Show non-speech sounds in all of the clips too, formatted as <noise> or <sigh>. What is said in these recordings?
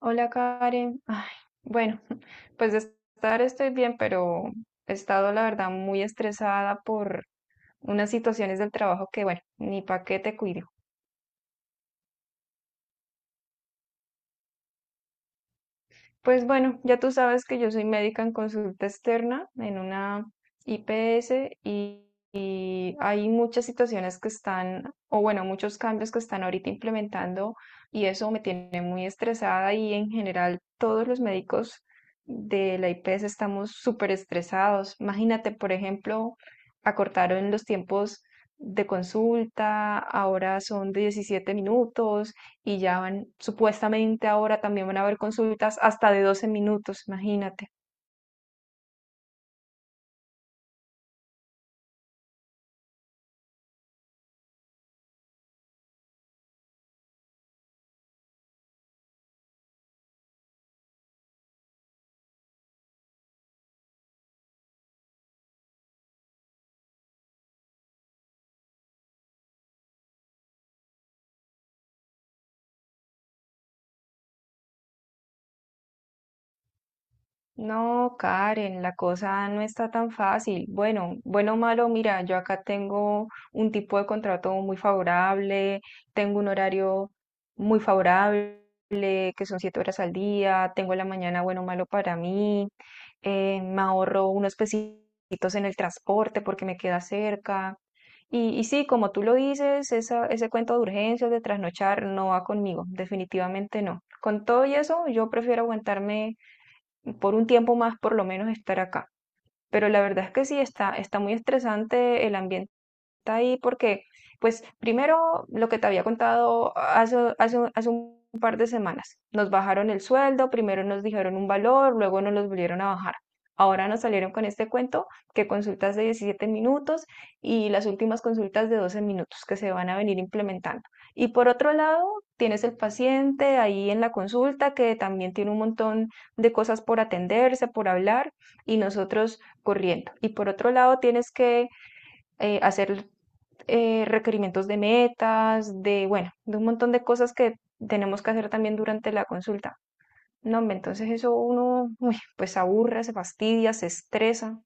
Hola Karen. Ay, bueno, <laughs> pues de estar estoy bien, pero he estado la verdad muy estresada por unas situaciones del trabajo que, bueno, ni pa' qué te cuido. Pues bueno, ya tú sabes que yo soy médica en consulta externa en una IPS y hay muchas situaciones que están, o bueno, muchos cambios que están ahorita implementando y eso me tiene muy estresada y en general todos los médicos de la IPS estamos súper estresados. Imagínate, por ejemplo, acortaron los tiempos de consulta, ahora son de 17 minutos y ya van, supuestamente ahora también van a haber consultas hasta de 12 minutos, imagínate. No, Karen, la cosa no está tan fácil. Bueno, bueno o malo, mira, yo acá tengo un tipo de contrato muy favorable, tengo un horario muy favorable, que son 7 horas al día, tengo la mañana bueno o malo para mí, me ahorro unos pesitos en el transporte porque me queda cerca. Y sí, como tú lo dices, esa, ese cuento de urgencias, de trasnochar, no va conmigo, definitivamente no. Con todo y eso, yo prefiero aguantarme por un tiempo más por lo menos estar acá. Pero la verdad es que sí está, está muy estresante el ambiente está ahí porque, pues, primero lo que te había contado hace un par de semanas, nos bajaron el sueldo, primero nos dijeron un valor, luego nos los volvieron a bajar. Ahora nos salieron con este cuento que consultas de 17 minutos y las últimas consultas de 12 minutos que se van a venir implementando. Y por otro lado, tienes el paciente ahí en la consulta que también tiene un montón de cosas por atenderse, por hablar y nosotros corriendo. Y por otro lado, tienes que hacer requerimientos de metas, de, bueno, de un montón de cosas que tenemos que hacer también durante la consulta. No, hombre, entonces eso uno, <laughs> uy, pues se aburre, se fastidia, se estresa.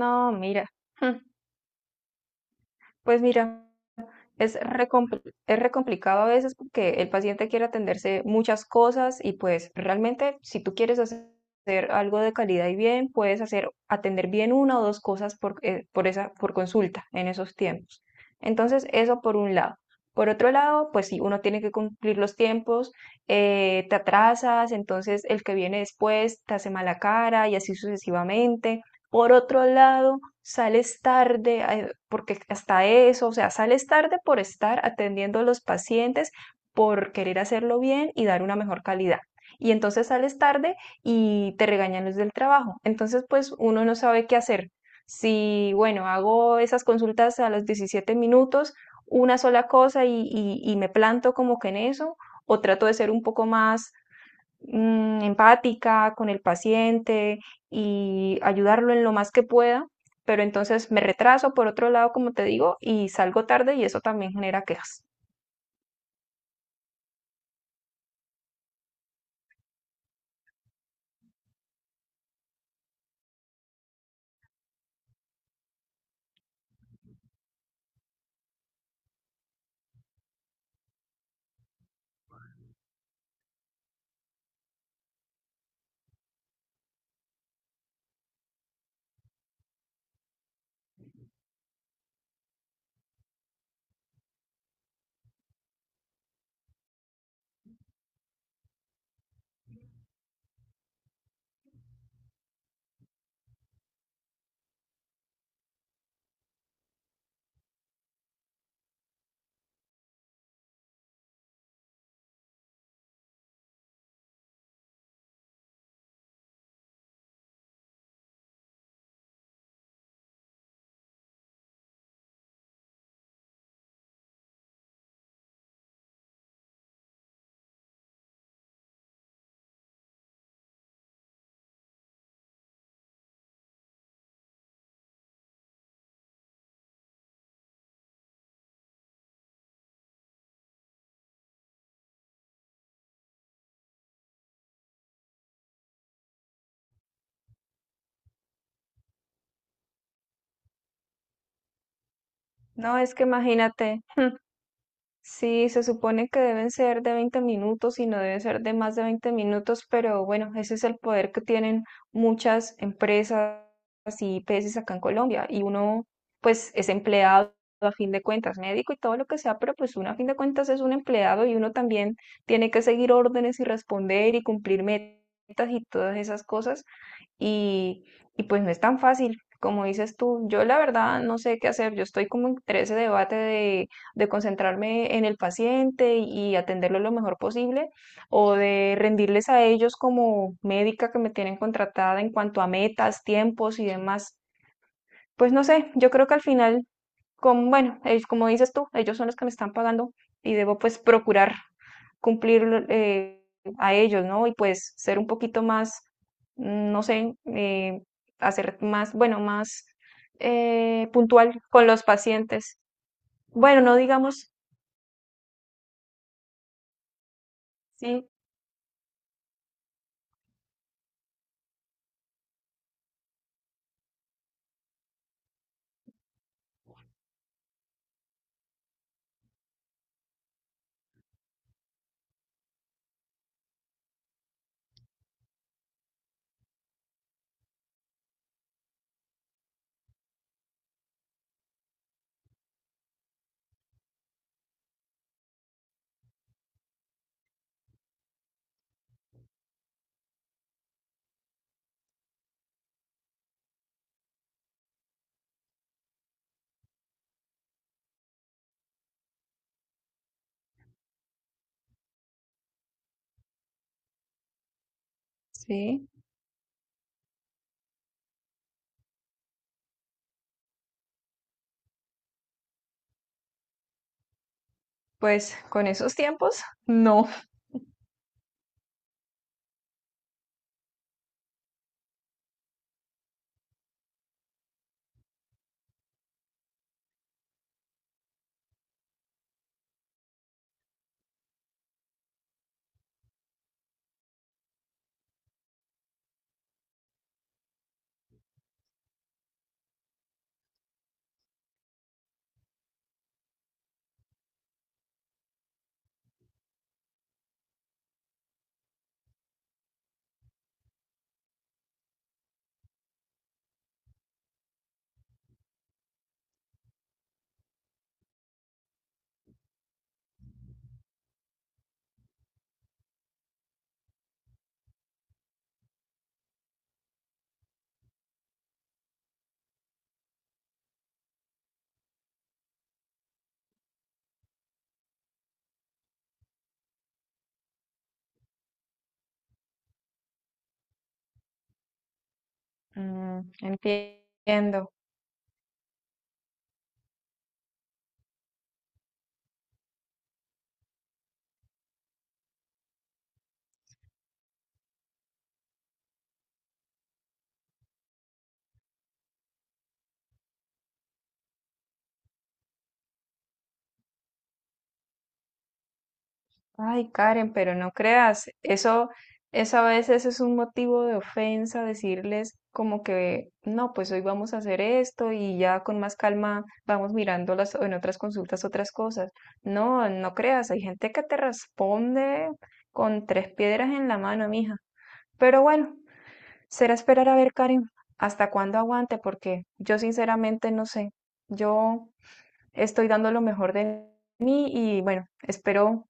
No, mira, <laughs> hmm, pues mira, Es re, compl- es re complicado a veces porque el paciente quiere atenderse muchas cosas y pues realmente si tú quieres hacer algo de calidad y bien, puedes hacer atender bien una o dos cosas por esa, por consulta en esos tiempos. Entonces, eso por un lado. Por otro lado, pues si uno tiene que cumplir los tiempos, te atrasas, entonces el que viene después te hace mala cara y así sucesivamente. Por otro lado, sales tarde, porque hasta eso, o sea, sales tarde por estar atendiendo a los pacientes, por querer hacerlo bien y dar una mejor calidad. Y entonces sales tarde y te regañan los del trabajo. Entonces, pues uno no sabe qué hacer. Si, bueno, hago esas consultas a los 17 minutos, una sola cosa y me planto como que en eso, o trato de ser un poco más empática con el paciente y ayudarlo en lo más que pueda, pero entonces me retraso por otro lado, como te digo, y salgo tarde y eso también genera quejas. No, es que imagínate. Sí, se supone que deben ser de 20 minutos y no debe ser de más de 20 minutos, pero bueno, ese es el poder que tienen muchas empresas y IPS acá en Colombia. Y uno, pues, es empleado a fin de cuentas, médico y todo lo que sea, pero pues uno a fin de cuentas es un empleado y uno también tiene que seguir órdenes y responder y cumplir metas y todas esas cosas y, y pues no es tan fácil. Como dices tú, yo la verdad no sé qué hacer. Yo estoy como entre ese debate de concentrarme en el paciente y atenderlo lo mejor posible o de rendirles a ellos como médica que me tienen contratada en cuanto a metas, tiempos y demás. Pues no sé, yo creo que al final como, bueno, es como dices tú, ellos son los que me están pagando y debo pues procurar cumplir a ellos, ¿no? Y pues ser un poquito más, mm, no sé, hacer más, bueno, más puntual con los pacientes. Bueno, no digamos, sí, sí, pues con esos tiempos, no. Mm, entiendo. Ay, Karen, pero no creas, eso a veces es un motivo de ofensa, decirles como que no, pues hoy vamos a hacer esto y ya con más calma vamos mirando las, en otras consultas otras cosas. No, no creas, hay gente que te responde con tres piedras en la mano, mija. Pero bueno, será esperar a ver, Karen, hasta cuándo aguante, porque yo sinceramente no sé. Yo estoy dando lo mejor de mí y bueno, espero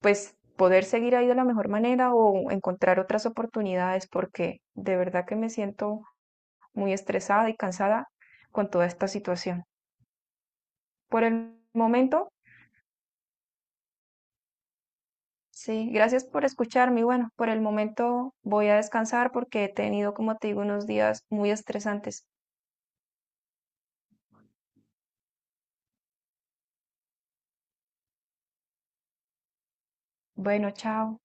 pues poder seguir ahí de la mejor manera o encontrar otras oportunidades porque de verdad que me siento muy estresada y cansada con toda esta situación. Por el momento, sí, gracias por escucharme y bueno, por el momento voy a descansar porque he tenido, como te digo, unos días muy estresantes. Bueno, chao.